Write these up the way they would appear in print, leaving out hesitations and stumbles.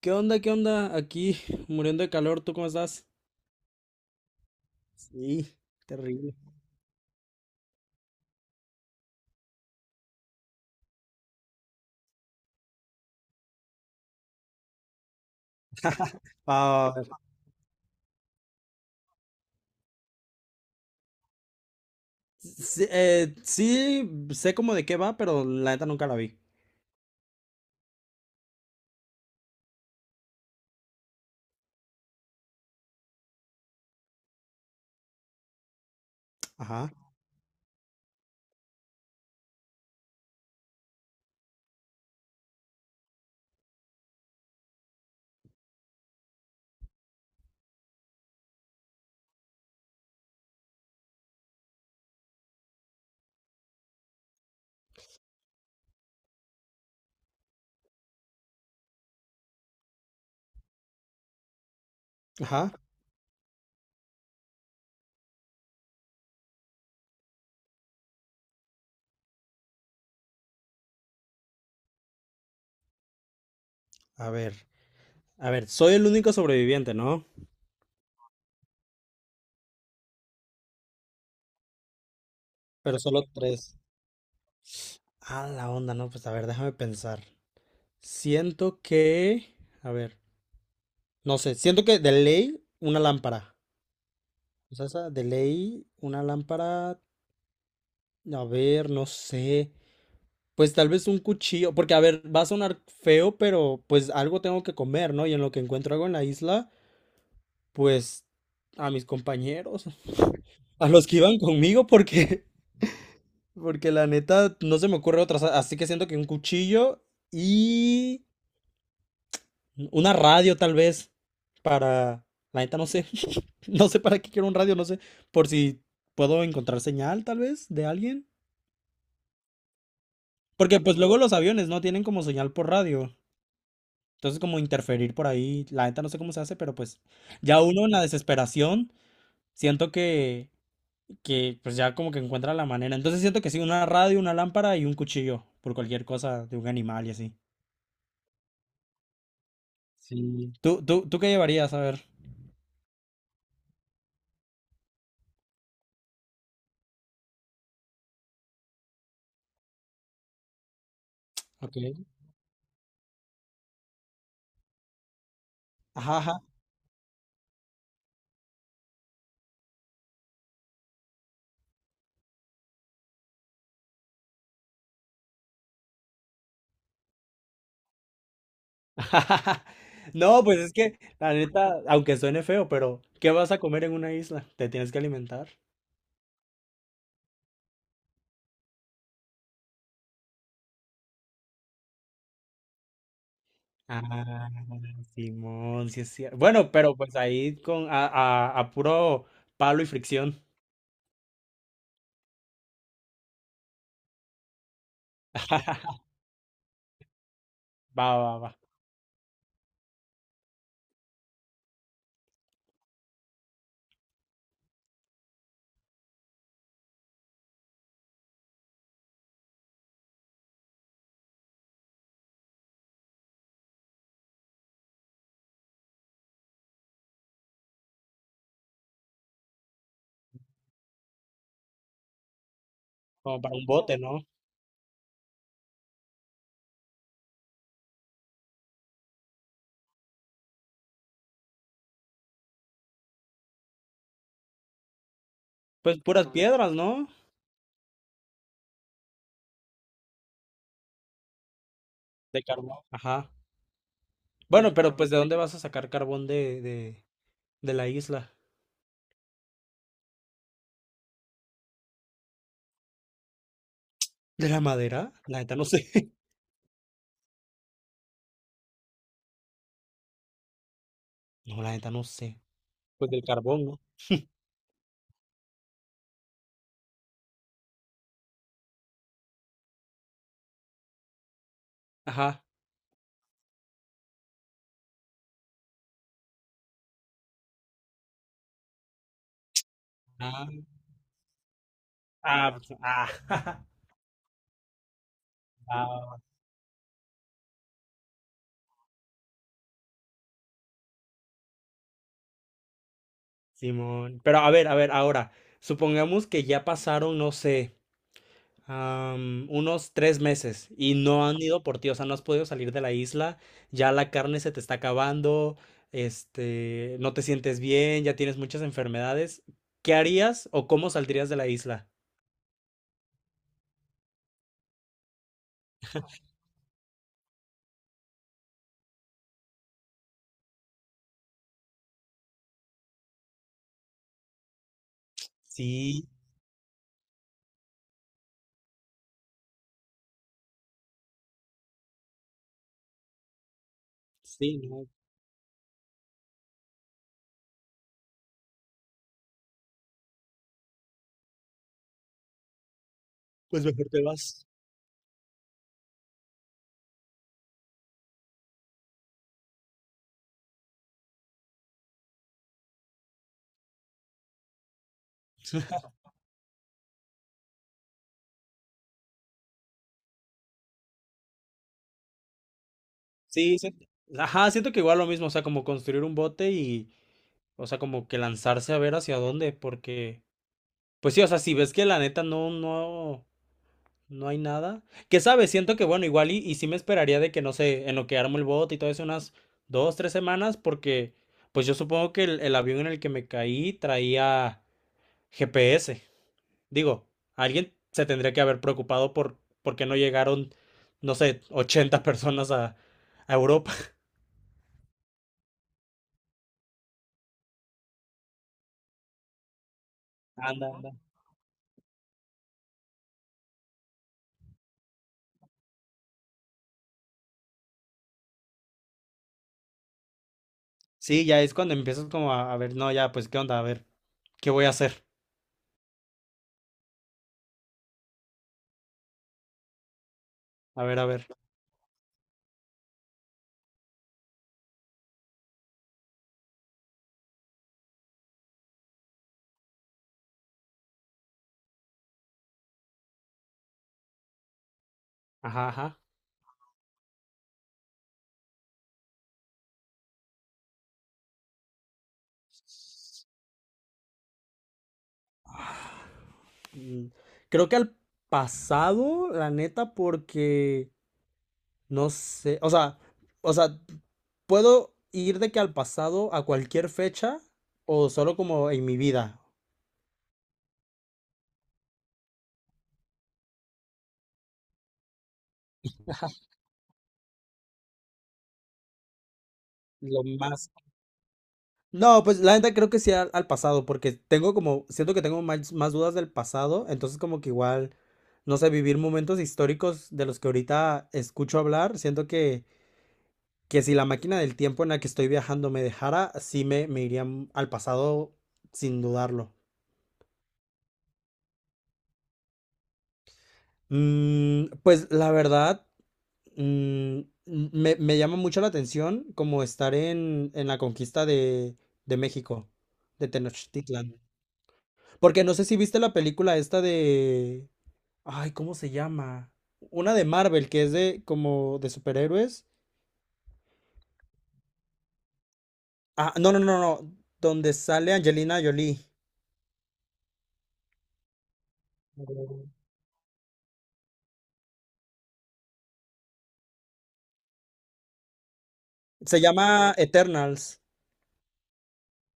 ¿Qué onda? ¿Qué onda? Aquí muriendo de calor, ¿tú cómo estás? Sí, terrible. Ah, sí, sí, sé como de qué va, pero la neta nunca la vi. Ajá, ajá. A ver, a ver, soy el único sobreviviente, ¿no? Pero solo tres. Ah, la onda, no, pues a ver, déjame pensar. Siento que, a ver, no sé, siento que de ley una lámpara. O sea, esa de ley una lámpara, a ver, no sé. Pues tal vez un cuchillo, porque a ver, va a sonar feo, pero pues algo tengo que comer, ¿no? Y en lo que encuentro algo en la isla, pues a mis compañeros, a los que iban conmigo, porque, porque la neta no se me ocurre otra, así que siento que un cuchillo y una radio tal vez para, la neta no sé, no sé para qué quiero un radio, no sé, por si puedo encontrar señal tal vez de alguien, porque pues luego los aviones no tienen como señal por radio. Entonces, como interferir por ahí, la neta no sé cómo se hace, pero pues ya uno en la desesperación, siento que pues ya como que encuentra la manera. Entonces siento que sí, una radio, una lámpara y un cuchillo, por cualquier cosa de un animal y así. Sí. ¿¿Tú qué llevarías? A ver. Ok. Ajá, ajá. No, pues es que la neta, aunque suene feo, pero ¿qué vas a comer en una isla? Te tienes que alimentar. Ah, Simón, sí es cierto. Bueno, pero pues ahí con a puro palo y fricción. Va, va, va. ¿Como para un bote, no? Pues puras piedras, ¿no? De carbón. Ajá. Bueno, pero pues ¿de dónde vas a sacar carbón de la isla? ¿De la madera? La neta no sé. No, la neta no sé. Pues del carbón, ¿no? Ajá. Ah, ah, pues, ah, ah, Simón. Pero a ver, ahora, supongamos que ya pasaron, no sé. Unos 3 meses y no han ido por ti, o sea, no has podido salir de la isla, ya la carne se te está acabando, no te sientes bien, ya tienes muchas enfermedades. ¿Qué harías o cómo saldrías de la isla? Sí, sí, no, pues mejor te vas. Sí, sí, ajá, siento que igual lo mismo, o sea, como construir un bote y, o sea, como que lanzarse a ver hacia dónde, porque, pues sí, o sea, si ves que la neta no, no. No hay nada. ¿Qué sabes? Siento que, bueno, igual y sí me esperaría de que, no sé, en lo que armo el bot y todo eso, unas 2, 3 semanas, porque, pues yo supongo que el avión en el que me caí traía GPS. Digo, alguien se tendría que haber preocupado por qué no llegaron, no sé, 80 personas a Europa. Anda, anda. Sí, ya es cuando empiezas como a ver, no, ya, pues, ¿qué onda? A ver, ¿qué voy a hacer? A ver, a ver. Ajá, ajá. Mm, creo que al pasado, la neta, porque... No sé, o sea, ¿puedo ir de que al pasado a cualquier fecha o solo como en mi vida? Lo más... No, pues la neta creo que sí al, al pasado, porque tengo como, siento que tengo más, más dudas del pasado, entonces como que igual, no sé, vivir momentos históricos de los que ahorita escucho hablar, siento que si la máquina del tiempo en la que estoy viajando me dejara, sí me iría al pasado sin dudarlo. Mm, pues la verdad... Mm, me llama mucho la atención como estar en la conquista de México, de Tenochtitlan. Porque no sé si viste la película esta de... Ay, ¿cómo se llama? Una de Marvel, que es de como de superhéroes. Ah, no, no, no, no. Donde sale Angelina Jolie. Se llama Eternals.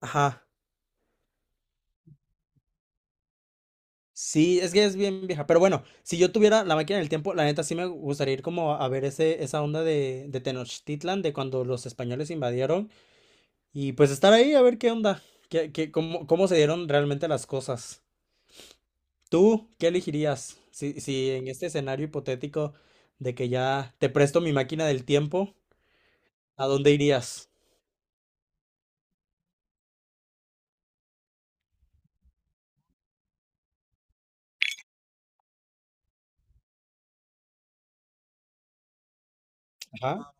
Ajá. Sí, es que es bien vieja. Pero bueno, si yo tuviera la máquina del tiempo, la neta sí me gustaría ir como a ver ese, esa onda de Tenochtitlan, de cuando los españoles invadieron. Y pues estar ahí a ver qué onda, qué, cómo, cómo se dieron realmente las cosas. ¿Tú qué elegirías si, si en este escenario hipotético de que ya te presto mi máquina del tiempo, a dónde irías? Ajá.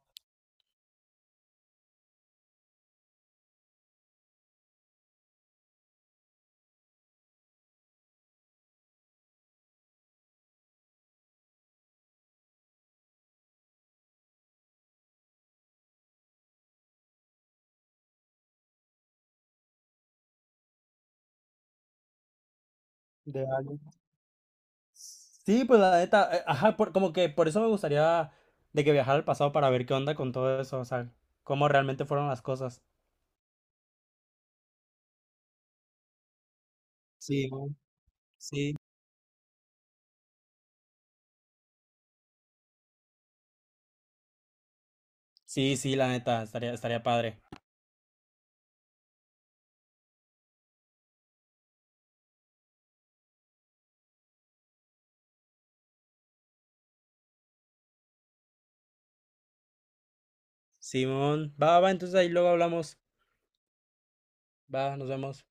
Sí, pues la neta, ajá, como que por eso me gustaría de que viajara al pasado para ver qué onda con todo eso, o sea, cómo realmente fueron las cosas. Simón, sí. Sí, sí, la neta, estaría, estaría padre. Simón, va, va, entonces ahí luego hablamos. Va, nos vemos.